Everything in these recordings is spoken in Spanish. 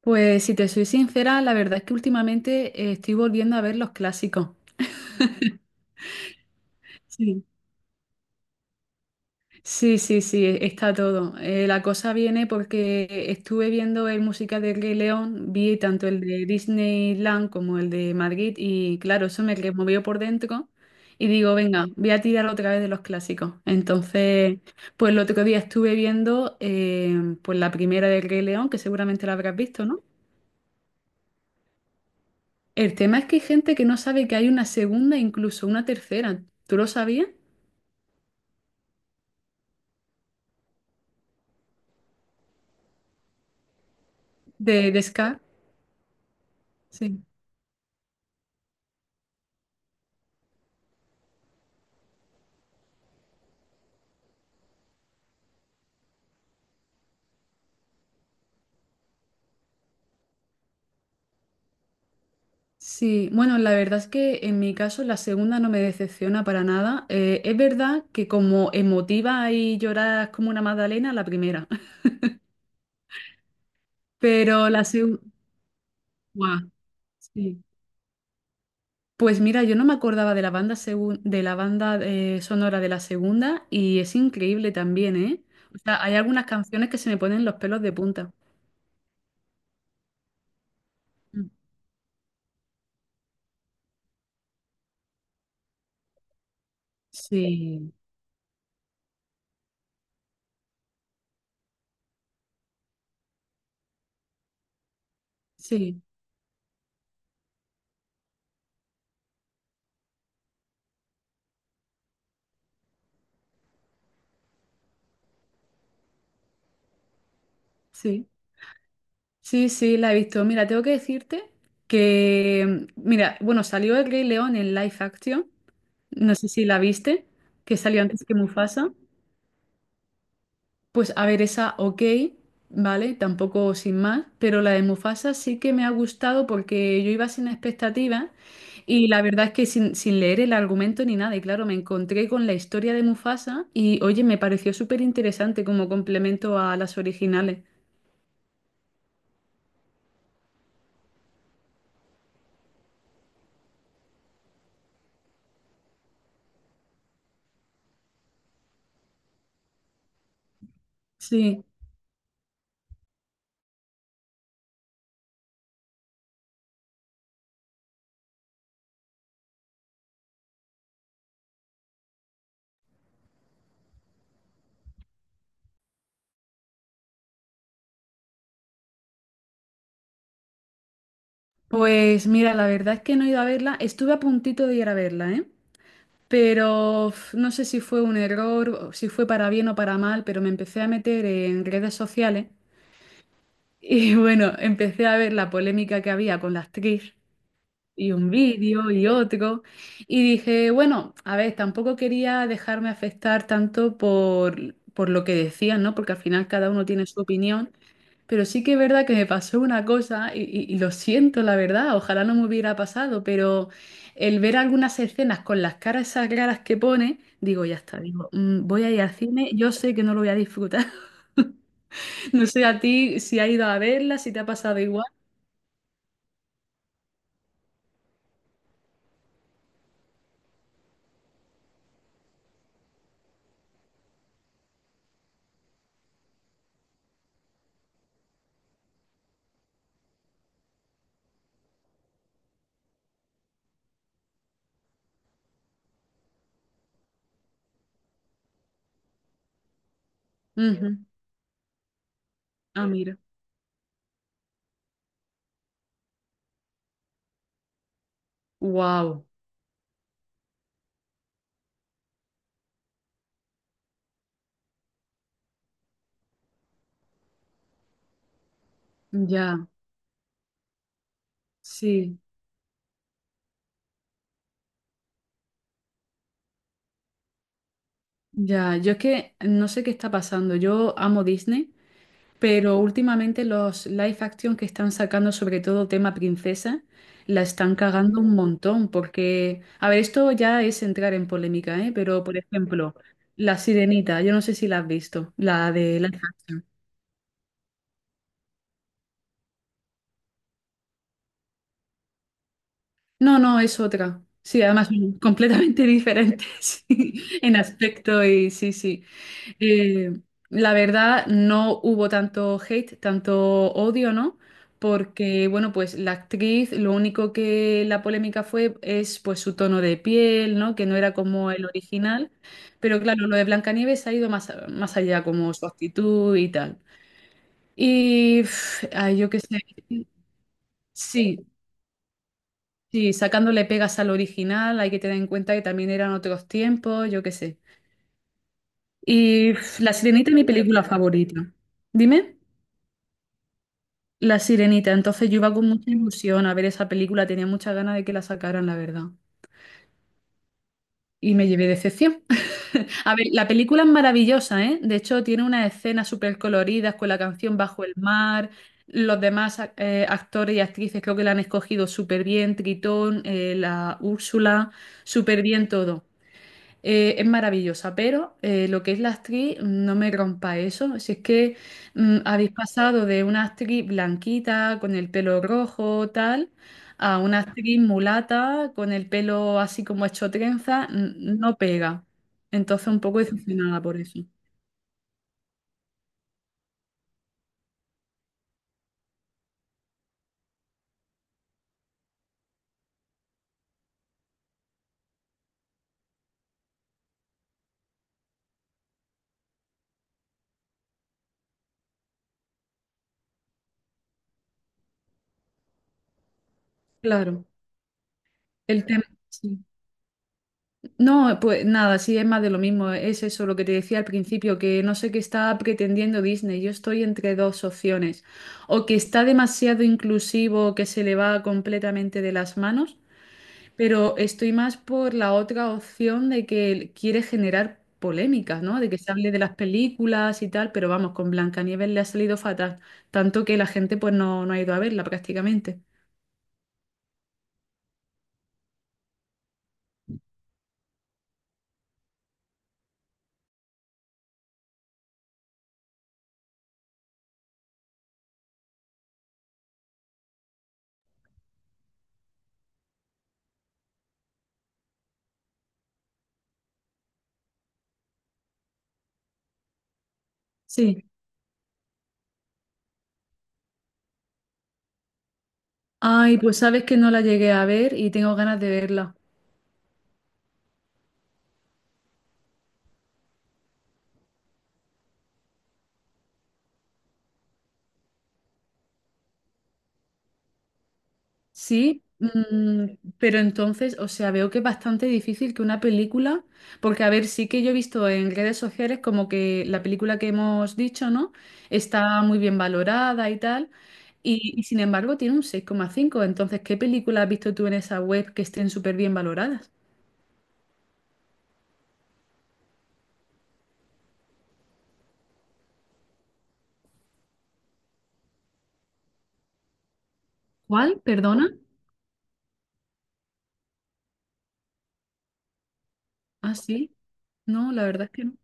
Pues si te soy sincera, la verdad es que últimamente estoy volviendo a ver los clásicos. Sí. Sí, sí, sí, está todo. La cosa viene porque estuve viendo el musical de Rey León, vi tanto el de Disneyland como el de Madrid y claro, eso me removió por dentro y digo, venga, voy a tirar otra vez de los clásicos. Entonces, pues el otro día estuve viendo pues la primera del Rey León, que seguramente la habrás visto, ¿no? El tema es que hay gente que no sabe que hay una segunda, incluso una tercera. ¿Tú lo sabías? De Scar. Sí. Sí, bueno, la verdad es que en mi caso la segunda no me decepciona para nada. Es verdad que como emotiva y lloras como una magdalena, la primera. Pero la segunda... Sí. Pues mira, yo no me acordaba de la banda, de la banda sonora de la segunda y es increíble también, ¿eh? O sea, hay algunas canciones que se me ponen los pelos de punta. Mm. Sí, sí. Sí, sí, sí, la he visto. Mira, tengo que decirte que, mira, bueno, salió el Rey León en live action, no sé si la viste, que salió antes que Mufasa. Pues a ver, esa ok, ¿vale? Tampoco sin más, pero la de Mufasa sí que me ha gustado porque yo iba sin expectativas y la verdad es que sin, sin leer el argumento ni nada, y claro, me encontré con la historia de Mufasa y oye, me pareció súper interesante como complemento a las originales. Sí. Pues mira, la verdad es que no he ido a verla. Estuve a puntito de ir a verla, ¿eh? Pero uf, no sé si fue un error, o si fue para bien o para mal, pero me empecé a meter en redes sociales y bueno, empecé a ver la polémica que había con la actriz y un vídeo y otro. Y dije, bueno, a ver, tampoco quería dejarme afectar tanto por lo que decían, ¿no? Porque al final cada uno tiene su opinión. Pero sí que es verdad que me pasó una cosa y lo siento, la verdad, ojalá no me hubiera pasado, pero el ver algunas escenas con las caras esas raras que pone, digo, ya está, digo, "Mm, voy a ir al cine, yo sé que no lo voy a disfrutar. No sé a ti si has ido a verla, si te ha pasado igual. Ujú. Ah, mira. Wow. Ya, sí, ya. Yo es que no sé qué está pasando. Yo amo Disney. Pero últimamente los live action que están sacando, sobre todo tema princesa, la están cagando un montón porque, a ver, esto ya es entrar en polémica, ¿eh? Pero, por ejemplo, La Sirenita, yo no sé si la has visto, la de live action. No, no, es otra. Sí, además son completamente diferentes en aspecto y sí, sí. Eh, la verdad, no hubo tanto hate, tanto odio, ¿no? Porque, bueno, pues la actriz, lo único que la polémica fue es pues su tono de piel, ¿no? Que no era como el original. Pero claro, lo de Blancanieves ha ido más, más allá, como su actitud y tal. Y uf, ay, yo qué sé. Sí, sí, sacándole pegas al original, hay que tener en cuenta que también eran otros tiempos, yo qué sé. Y uf, La Sirenita es mi película favorita. Dime. La Sirenita, entonces yo iba con mucha ilusión a ver esa película, tenía muchas ganas de que la sacaran, la verdad. Y me llevé decepción. A ver, la película es maravillosa, ¿eh? De hecho, tiene unas escenas súper coloridas con la canción Bajo el mar. Los demás actores y actrices creo que la han escogido súper bien. Tritón, la Úrsula, súper bien todo. Es maravillosa, pero lo que es la actriz, no me rompa eso. Si es que mm, habéis pasado de una actriz blanquita con el pelo rojo, tal, a una actriz mulata con el pelo así como hecho trenza, mm, no pega. Entonces, un poco decepcionada por eso. Claro, el tema. Sí. No, pues nada, sí, es más de lo mismo. Es eso lo que te decía al principio, que no sé qué está pretendiendo Disney. Yo estoy entre dos opciones. O que está demasiado inclusivo, que se le va completamente de las manos, pero estoy más por la otra opción de que quiere generar polémicas, ¿no? De que se hable de las películas y tal, pero vamos, con Blancanieves le ha salido fatal, tanto que la gente pues no, no ha ido a verla prácticamente. Sí. Ay, pues sabes que no la llegué a ver y tengo ganas de verla. Sí, mm, pero entonces, o sea, veo que es bastante difícil que una película, porque a ver, sí que yo he visto en redes sociales como que la película que hemos dicho, ¿no? Está muy bien valorada y tal, y sin embargo tiene un 6,5. Entonces, ¿qué película has visto tú en esa web que estén súper bien valoradas? ¿Cuál? ¿Perdona? Ah, sí. No, la verdad es que no.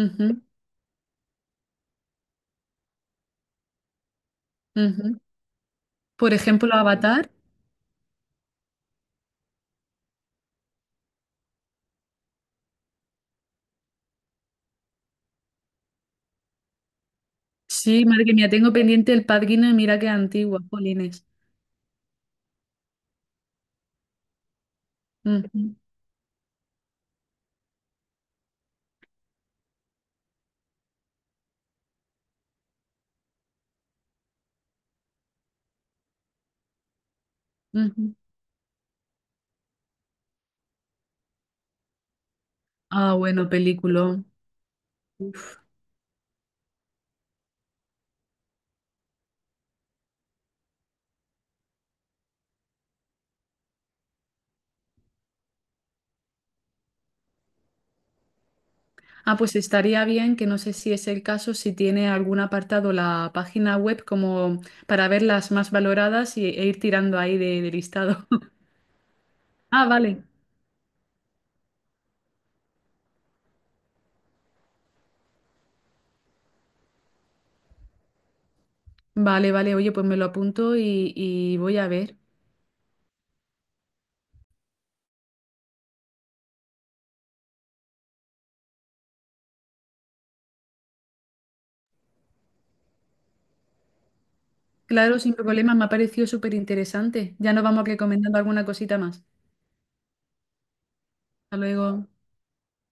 Ujú, ujú. Por ejemplo, Avatar. Sí, madre mía, tengo pendiente El Padrino y mira qué antigua, Polines. Ah, bueno, película. Ah, pues estaría bien que no sé si es el caso, si tiene algún apartado la página web como para ver las más valoradas y, e ir tirando ahí de listado. Ah, vale. Vale, vale. Oye, pues me lo apunto y voy a ver. Claro, sin problemas, me ha parecido súper interesante. Ya nos vamos recomendando alguna cosita más. Hasta luego.